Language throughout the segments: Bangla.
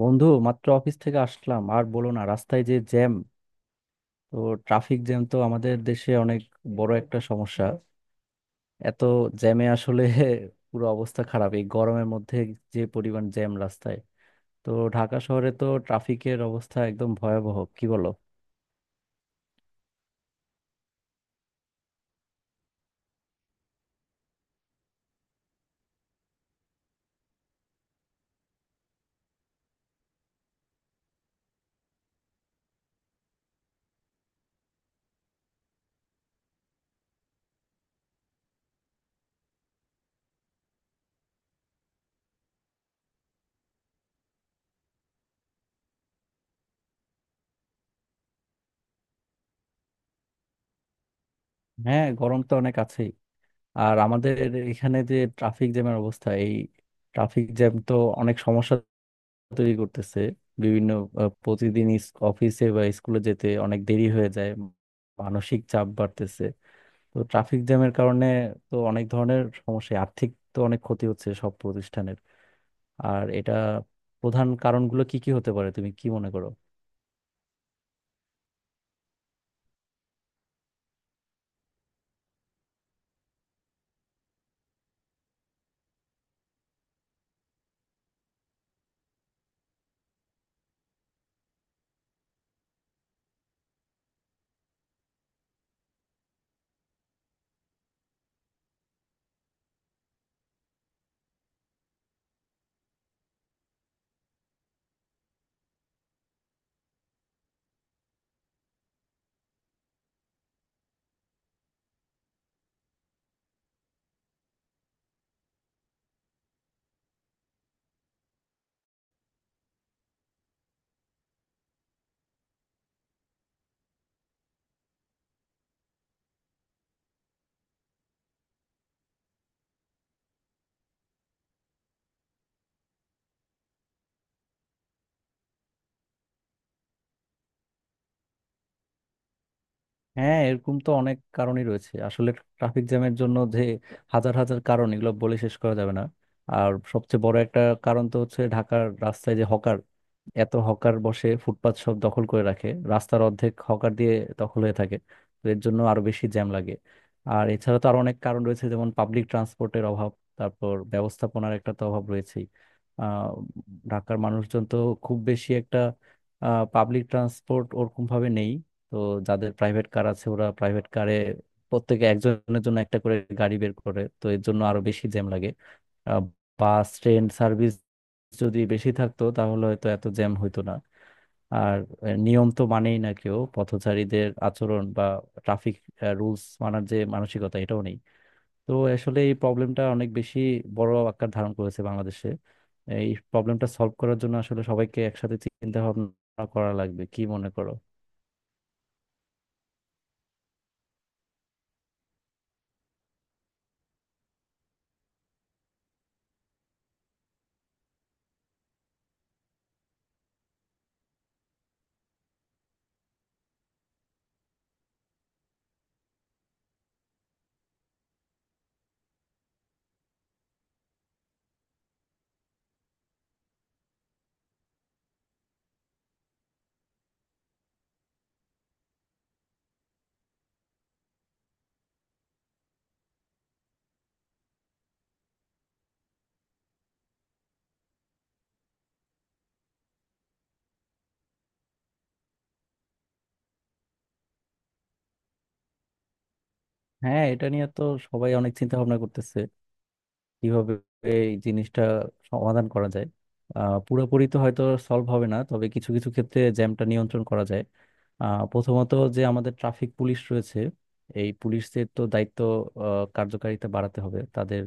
বন্ধু, মাত্র অফিস থেকে আসলাম। আর বলো না, রাস্তায় যে জ্যাম! তো ট্রাফিক জ্যাম তো আমাদের দেশে অনেক বড় একটা সমস্যা। এত জ্যামে আসলে পুরো অবস্থা খারাপ। এই গরমের মধ্যে যে পরিমাণ জ্যাম রাস্তায়! তো ঢাকা শহরে তো ট্রাফিকের অবস্থা একদম ভয়াবহ, কি বলো? হ্যাঁ, গরম তো অনেক আছেই। আর আমাদের এখানে যে ট্রাফিক জ্যামের অবস্থা, এই ট্রাফিক জ্যাম তো অনেক সমস্যা তৈরি করতেছে বিভিন্ন। প্রতিদিন অফিসে বা স্কুলে যেতে অনেক দেরি হয়ে যায়, মানসিক চাপ বাড়তেছে তো ট্রাফিক জ্যামের কারণে। তো অনেক ধরনের সমস্যা, আর্থিক তো অনেক ক্ষতি হচ্ছে সব প্রতিষ্ঠানের। আর এটা প্রধান কারণগুলো কি কি হতে পারে, তুমি কি মনে করো? হ্যাঁ, এরকম তো অনেক কারণই রয়েছে আসলে। ট্রাফিক জ্যামের জন্য যে হাজার হাজার কারণ, এগুলো বলে শেষ করা যাবে না। আর সবচেয়ে বড় একটা কারণ তো হচ্ছে ঢাকার রাস্তায় যে হকার, এত হকার বসে ফুটপাত সব দখল করে রাখে। রাস্তার অর্ধেক হকার দিয়ে দখল হয়ে থাকে, তো এর জন্য আরো বেশি জ্যাম লাগে। আর এছাড়া তো আরো অনেক কারণ রয়েছে, যেমন পাবলিক ট্রান্সপোর্টের অভাব, তারপর ব্যবস্থাপনার একটা তো অভাব রয়েছেই। আহ ঢাকার মানুষজন তো খুব বেশি একটা পাবলিক ট্রান্সপোর্ট ওরকম ভাবে নেই। তো যাদের প্রাইভেট কার আছে ওরা প্রাইভেট কারে প্রত্যেকে একজনের জন্য একটা করে গাড়ি বের করে, তো এর জন্য আরো বেশি জ্যাম লাগে। আহ, বাস ট্রেন সার্ভিস যদি বেশি থাকতো তাহলে হয়তো এত জ্যাম হইতো না। আর নিয়ম তো মানেই না কেউ, পথচারীদের আচরণ বা ট্রাফিক রুলস মানার যে মানসিকতা এটাও নেই। তো আসলে এই প্রবলেমটা অনেক বেশি বড় আকার ধারণ করেছে বাংলাদেশে। এই প্রবলেমটা সলভ করার জন্য আসলে সবাইকে একসাথে চিন্তা ভাবনা করা লাগবে, কি মনে করো? হ্যাঁ, এটা নিয়ে তো সবাই অনেক চিন্তা ভাবনা করতেছে কিভাবে এই জিনিসটা সমাধান করা যায়। আহ, পুরোপুরি তো হয়তো সলভ হবে না, তবে কিছু কিছু ক্ষেত্রে জ্যামটা নিয়ন্ত্রণ করা যায়। প্রথমত যে আমাদের ট্রাফিক পুলিশ রয়েছে, এই পুলিশদের তো দায়িত্ব কার্যকারিতা বাড়াতে হবে তাদের।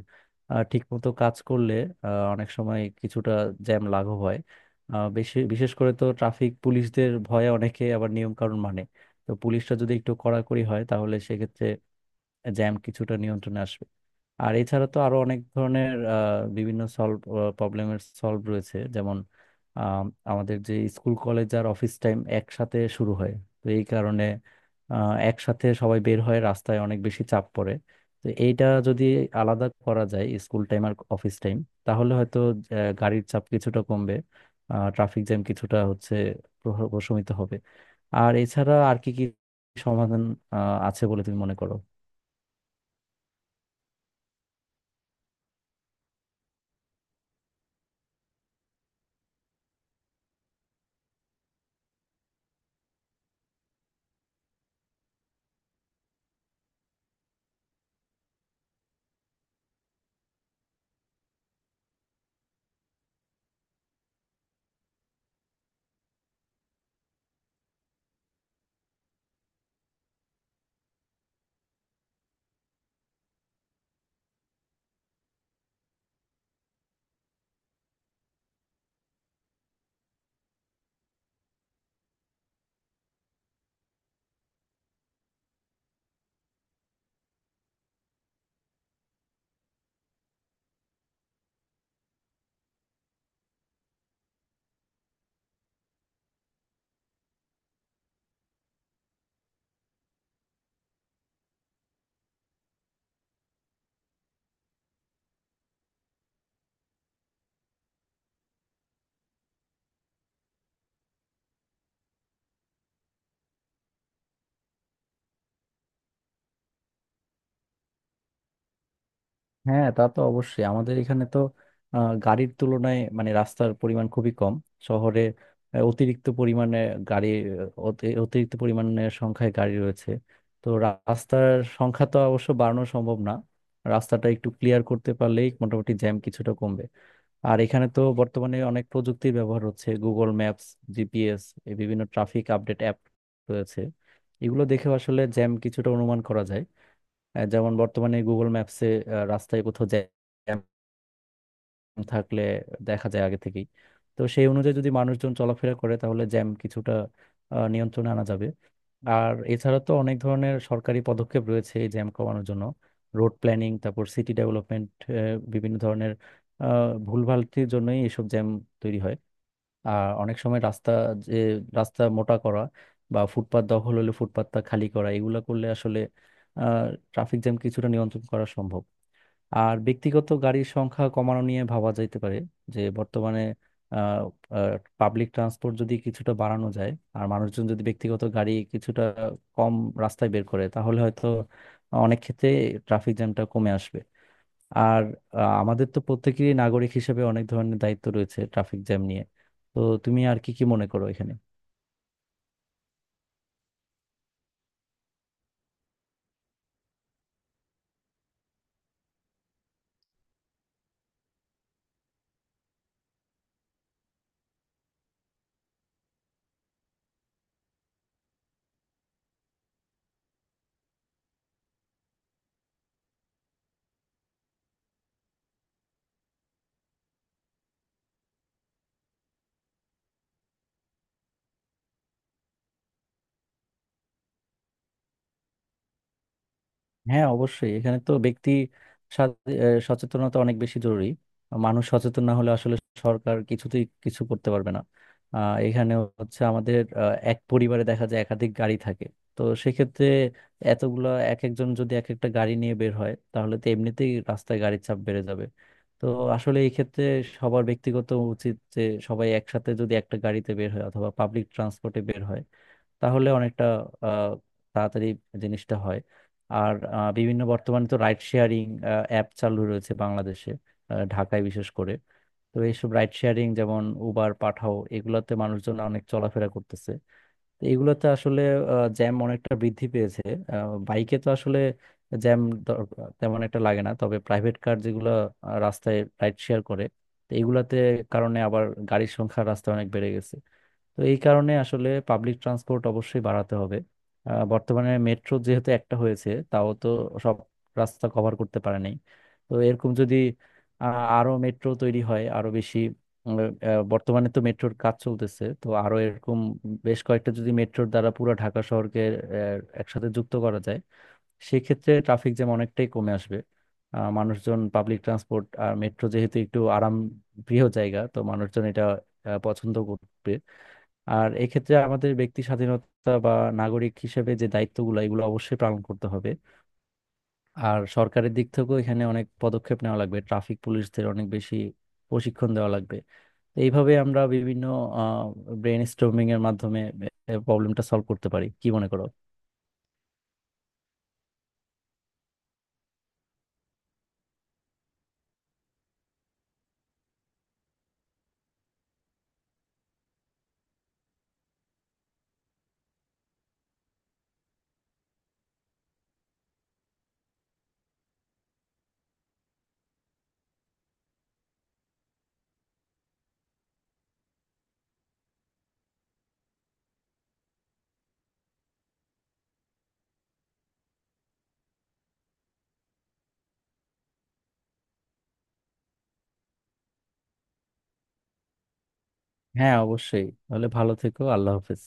ঠিকমতো কাজ করলে অনেক সময় কিছুটা জ্যাম লাঘব হয়। বেশি বিশেষ করে তো ট্রাফিক পুলিশদের ভয়ে অনেকে আবার নিয়ম কানুন মানে। তো পুলিশটা যদি একটু কড়াকড়ি হয় তাহলে সেক্ষেত্রে জ্যাম কিছুটা নিয়ন্ত্রণে আসবে। আর এছাড়া তো আরো অনেক ধরনের বিভিন্ন প্রবলেমের সলভ রয়েছে, যেমন আম, আমাদের যে স্কুল কলেজ আর অফিস টাইম একসাথে শুরু হয়, তো এই কারণে একসাথে সবাই বের হয়, রাস্তায় অনেক বেশি চাপ পড়ে। তো এইটা যদি আলাদা করা যায়, স্কুল টাইম আর অফিস টাইম, তাহলে হয়তো গাড়ির চাপ কিছুটা কমবে, ট্রাফিক জ্যাম কিছুটা হচ্ছে প্রশমিত হবে। আর এছাড়া আর কি কি সমাধান আছে বলে তুমি মনে করো? হ্যাঁ, তা তো অবশ্যই। আমাদের এখানে তো গাড়ির তুলনায় মানে রাস্তার পরিমাণ খুবই কম। শহরে অতিরিক্ত পরিমাণে গাড়ি, অতিরিক্ত পরিমাণে সংখ্যায় গাড়ি রয়েছে। তো রাস্তার সংখ্যা তো অবশ্য বাড়ানো সম্ভব না, রাস্তাটা একটু ক্লিয়ার করতে পারলেই মোটামুটি জ্যাম কিছুটা কমবে। আর এখানে তো বর্তমানে অনেক প্রযুক্তির ব্যবহার হচ্ছে, গুগল ম্যাপস, জিপিএস, বিভিন্ন ট্রাফিক আপডেট অ্যাপ রয়েছে। এগুলো দেখে আসলে জ্যাম কিছুটা অনুমান করা যায়। আহ, যেমন বর্তমানে গুগল ম্যাপসে রাস্তায় কোথাও জ্যাম থাকলে দেখা যায় আগে থেকেই। তো সেই অনুযায়ী যদি মানুষজন চলাফেরা করে তাহলে জ্যাম কিছুটা নিয়ন্ত্রণে আনা যাবে। আর এছাড়া তো অনেক ধরনের সরকারি পদক্ষেপ রয়েছে এই জ্যাম কমানোর জন্য। রোড প্ল্যানিং, তারপর সিটি ডেভেলপমেন্ট, বিভিন্ন ধরনের আহ, ভুলভালটির জন্যই এসব জ্যাম তৈরি হয়। আর অনেক সময় রাস্তা, যে রাস্তা মোটা করা বা ফুটপাত দখল হলে ফুটপাতটা খালি করা, এগুলো করলে আসলে ট্রাফিক জ্যাম কিছুটা নিয়ন্ত্রণ করা সম্ভব। আর ব্যক্তিগত গাড়ির সংখ্যা কমানো নিয়ে ভাবা যাইতে পারে। যে বর্তমানে পাবলিক ট্রান্সপোর্ট যদি কিছুটা বাড়ানো যায়, আর মানুষজন যদি ব্যক্তিগত গাড়ি কিছুটা কম রাস্তায় বের করে তাহলে হয়তো অনেক ক্ষেত্রে ট্রাফিক জ্যামটা কমে আসবে। আর আমাদের তো প্রত্যেকেরই নাগরিক হিসেবে অনেক ধরনের দায়িত্ব রয়েছে ট্রাফিক জ্যাম নিয়ে। তো তুমি আর কি কি মনে করো এখানে? হ্যাঁ, অবশ্যই। এখানে তো ব্যক্তি স্বা- এ, সচেতনতা অনেক বেশি জরুরি। মানুষ সচেতন না হলে আসলে সরকার কিছুতেই কিছু করতে পারবে না। আহ, এখানে হচ্ছে আমাদের আহ, এক পরিবারে দেখা যায় একাধিক গাড়ি থাকে। তো সেক্ষেত্রে এতগুলা এক একজন যদি এক একটা গাড়ি নিয়ে বের হয় তাহলে তো এমনিতেই রাস্তায় গাড়ির চাপ বেড়ে যাবে। তো আসলে এই ক্ষেত্রে সবার ব্যক্তিগত উচিত যে সবাই একসাথে যদি একটা গাড়িতে বের হয় অথবা পাবলিক ট্রান্সপোর্টে বের হয়, তাহলে অনেকটা আহ, তাড়াতাড়ি জিনিসটা হয়। আর বিভিন্ন বর্তমানে তো রাইড শেয়ারিং অ্যাপ চালু রয়েছে বাংলাদেশে, আহ, ঢাকায় বিশেষ করে। তো এইসব রাইড শেয়ারিং যেমন উবার, পাঠাও, এগুলোতে মানুষজন অনেক চলাফেরা করতেছে। তো এগুলোতে আসলে জ্যাম অনেকটা বৃদ্ধি পেয়েছে। বাইকে তো আসলে জ্যাম তেমন একটা লাগে না, তবে প্রাইভেট কার যেগুলো রাস্তায় রাইড শেয়ার করে তো এগুলাতে কারণে আবার গাড়ির সংখ্যা রাস্তায় অনেক বেড়ে গেছে। তো এই কারণে আসলে পাবলিক ট্রান্সপোর্ট অবশ্যই বাড়াতে হবে। আহ, বর্তমানে মেট্রো যেহেতু একটা হয়েছে তাও তো সব রাস্তা কভার করতে পারে নাই। তো এরকম যদি আ- আরো মেট্রো তৈরি হয়, আরো বেশি উম, বর্তমানে তো মেট্রোর কাজ চলতেছে, তো আরো এরকম বেশ কয়েকটা যদি মেট্রোর দ্বারা পুরো ঢাকা শহরকে একসাথে যুক্ত করা যায়, সেক্ষেত্রে ট্রাফিক জ্যাম অনেকটাই কমে আসবে। আহ, মানুষজন পাবলিক ট্রান্সপোর্ট আর মেট্রো যেহেতু একটু আরাম প্রিয় জায়গা, তো মানুষজন এটা পছন্দ করবে। আর এক্ষেত্রে আমাদের ব্যক্তি স্বাধীনতা বা নাগরিক হিসেবে যে দায়িত্বগুলো এগুলো অবশ্যই পালন করতে হবে। আর সরকারের দিক থেকেও এখানে অনেক পদক্ষেপ নেওয়া লাগবে, ট্রাফিক পুলিশদের অনেক বেশি প্রশিক্ষণ দেওয়া লাগবে। তো এইভাবে আমরা বিভিন্ন ব্রেন স্টর্মিং এর মাধ্যমে প্রবলেমটা সলভ করতে পারি, কি মনে করো? হ্যাঁ অবশ্যই, তাহলে ভালো থেকো। আল্লাহ হাফেজ।